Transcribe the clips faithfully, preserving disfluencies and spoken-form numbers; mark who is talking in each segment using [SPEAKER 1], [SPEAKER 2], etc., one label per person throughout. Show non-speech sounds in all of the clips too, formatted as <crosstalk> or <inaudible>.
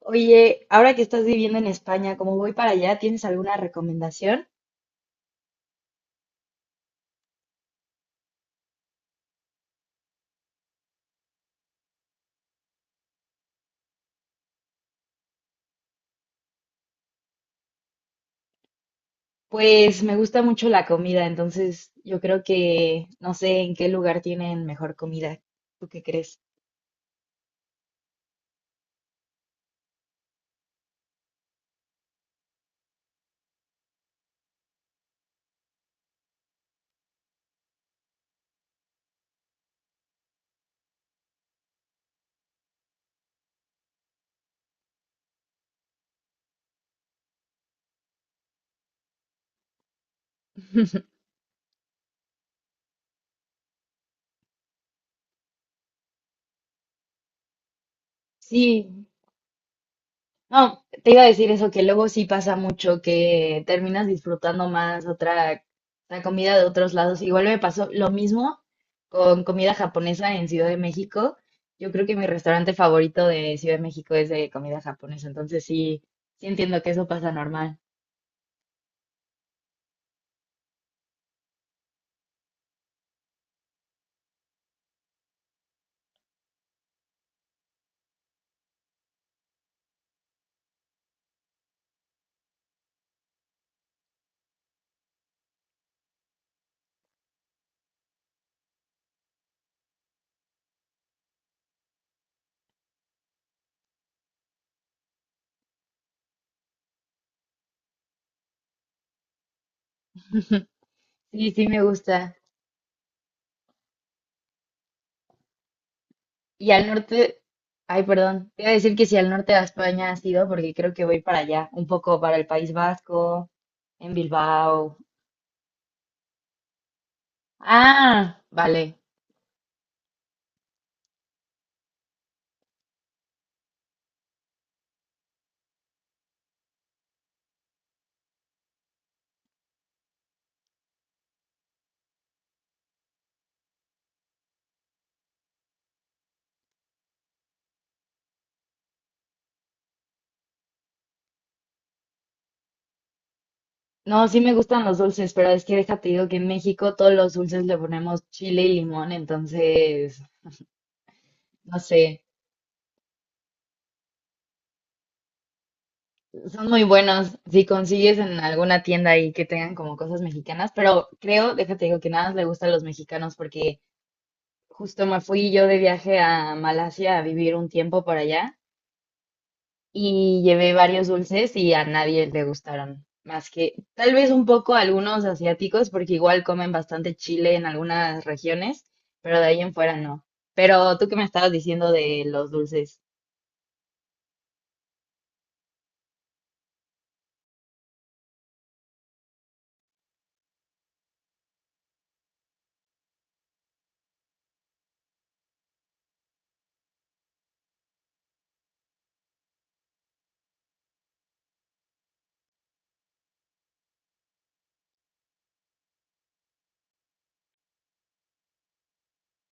[SPEAKER 1] Oye, ahora que estás viviendo en España, como voy para allá, ¿tienes alguna recomendación? Pues me gusta mucho la comida, entonces yo creo que no sé en qué lugar tienen mejor comida. ¿Tú qué crees? <laughs> Sí, no, te iba a decir eso, que luego sí pasa mucho, que terminas disfrutando más otra, la comida de otros lados. Igual me pasó lo mismo con comida japonesa en Ciudad de México. Yo creo que mi restaurante favorito de Ciudad de México es de comida japonesa, entonces sí, sí entiendo que eso pasa normal. Sí, sí me gusta. Y al norte, ay, perdón, te iba a decir que si al norte de España has ido, porque creo que voy para allá, un poco para el País Vasco, en Bilbao. Ah, vale. No, sí me gustan los dulces, pero es que déjate digo que en México todos los dulces le ponemos chile y limón, entonces, no sé, son muy buenos si consigues en alguna tienda ahí que tengan como cosas mexicanas, pero creo, déjate digo que nada más le gusta a los mexicanos porque justo me fui yo de viaje a Malasia a vivir un tiempo por allá, y llevé varios dulces y a nadie le gustaron, más que tal vez un poco a algunos asiáticos, porque igual comen bastante chile en algunas regiones, pero de ahí en fuera no. Pero tú que me estabas diciendo de los dulces,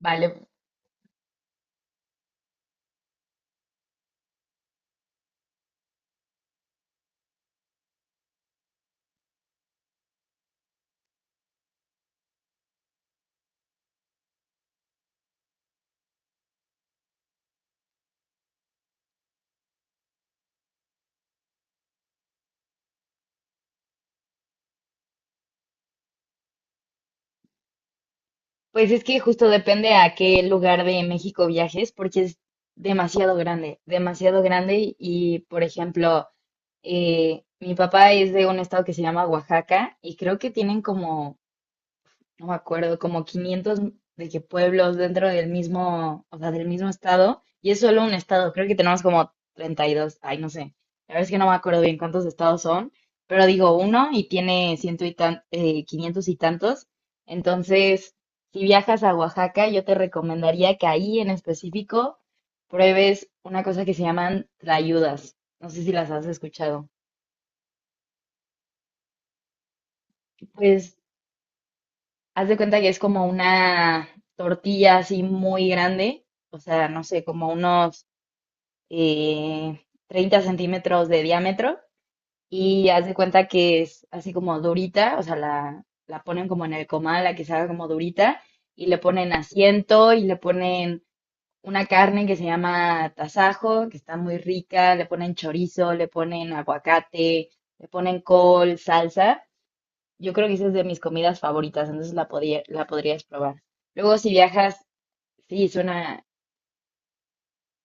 [SPEAKER 1] vale, pues es que justo depende a qué lugar de México viajes, porque es demasiado grande, demasiado grande y, por ejemplo, eh, mi papá es de un estado que se llama Oaxaca y creo que tienen como, no me acuerdo, como quinientos de qué pueblos dentro del mismo, o sea, del mismo estado, y es solo un estado, creo que tenemos como treinta y dos. Ay, no sé, la verdad es que no me acuerdo bien cuántos estados son, pero digo uno y tiene ciento y tan, eh, quinientos y tantos, entonces, si viajas a Oaxaca, yo te recomendaría que ahí en específico pruebes una cosa que se llaman tlayudas, no sé si las has escuchado. Pues haz de cuenta que es como una tortilla así muy grande, o sea, no sé, como unos eh, treinta centímetros de diámetro. Y haz de cuenta que es así como durita, o sea, la, la ponen como en el comal, la que se haga como durita, y le ponen asiento y le ponen una carne que se llama tasajo, que está muy rica, le ponen chorizo, le ponen aguacate, le ponen col, salsa. Yo creo que esa es de mis comidas favoritas, entonces la podía, la podrías probar. Luego si viajas, sí, es una,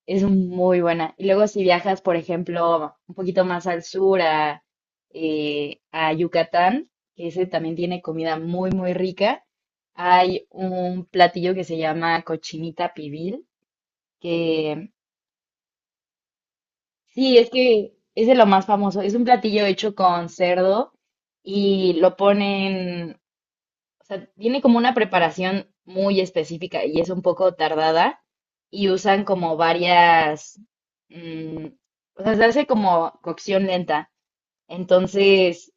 [SPEAKER 1] es muy buena. Y luego si viajas, por ejemplo, un poquito más al sur, a, eh, a Yucatán, que ese también tiene comida muy, muy rica, hay un platillo que se llama cochinita pibil, que sí, es que es de lo más famoso. Es un platillo hecho con cerdo y lo ponen, o sea, tiene como una preparación muy específica y es un poco tardada y usan como varias, mm, o sea, se hace como cocción lenta. Entonces,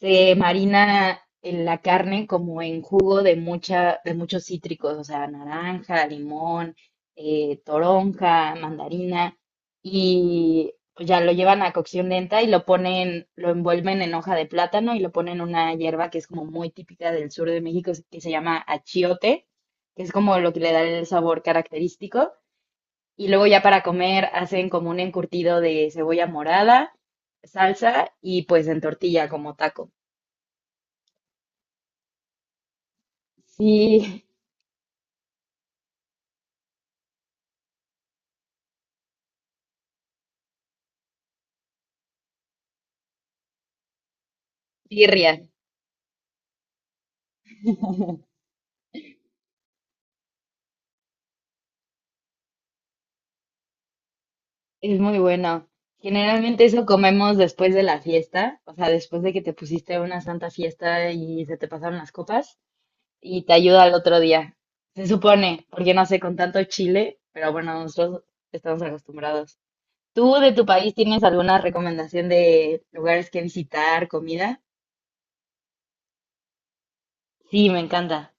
[SPEAKER 1] se marina en la carne como en jugo de mucha, de muchos cítricos, o sea, naranja, limón, eh, toronja, mandarina, y pues ya lo llevan a cocción lenta y lo ponen, lo envuelven en hoja de plátano y lo ponen en una hierba que es como muy típica del sur de México, que se llama achiote, que es como lo que le da el sabor característico. Y luego ya para comer hacen como un encurtido de cebolla morada, salsa y pues en tortilla como taco. Sí, birria. <laughs> Es muy bueno. Generalmente eso comemos después de la fiesta, o sea, después de que te pusiste una santa fiesta y se te pasaron las copas y te ayuda al otro día. Se supone, porque no sé, con tanto chile, pero bueno, nosotros estamos acostumbrados. ¿Tú de tu país tienes alguna recomendación de lugares que visitar, comida? Sí, me encanta.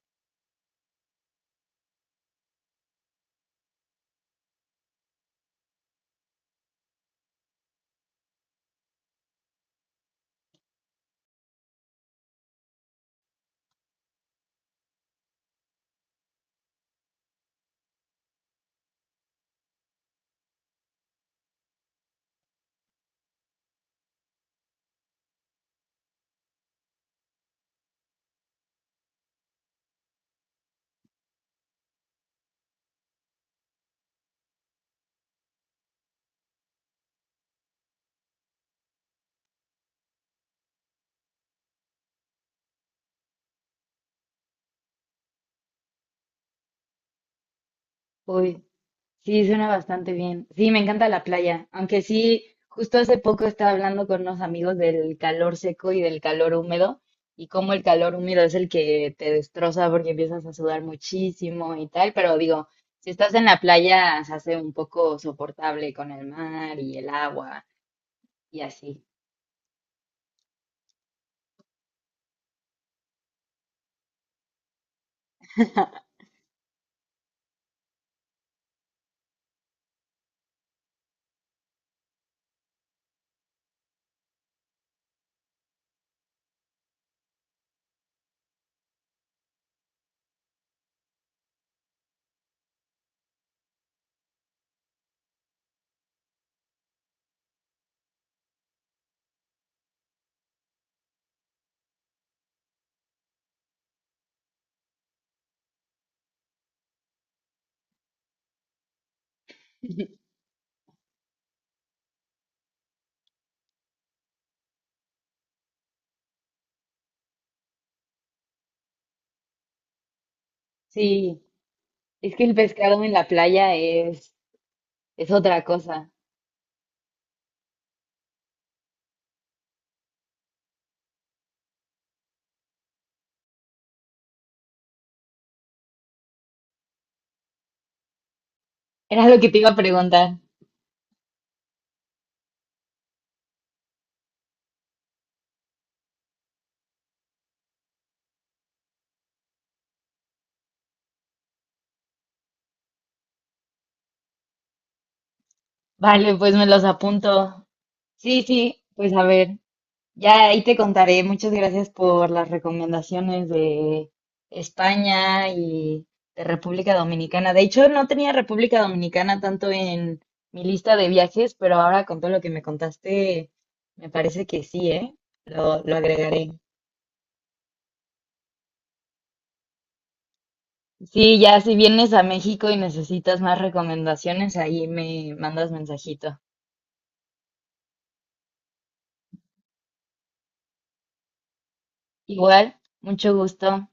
[SPEAKER 1] Uy, sí, suena bastante bien. Sí, me encanta la playa, aunque sí, justo hace poco estaba hablando con unos amigos del calor seco y del calor húmedo y cómo el calor húmedo es el que te destroza porque empiezas a sudar muchísimo y tal, pero digo, si estás en la playa se hace un poco soportable con el mar y el agua y así. Sí, es que el pescado en la playa es, es otra cosa. Era lo que te iba a preguntar. Vale, pues me los apunto. Sí, sí, pues a ver. Ya ahí te contaré. Muchas gracias por las recomendaciones de España y de República Dominicana. De hecho, no tenía República Dominicana tanto en mi lista de viajes, pero ahora con todo lo que me contaste, me parece que sí, ¿eh? Lo, lo agregaré. Sí, ya si vienes a México y necesitas más recomendaciones, ahí me mandas mensajito. Igual, mucho gusto.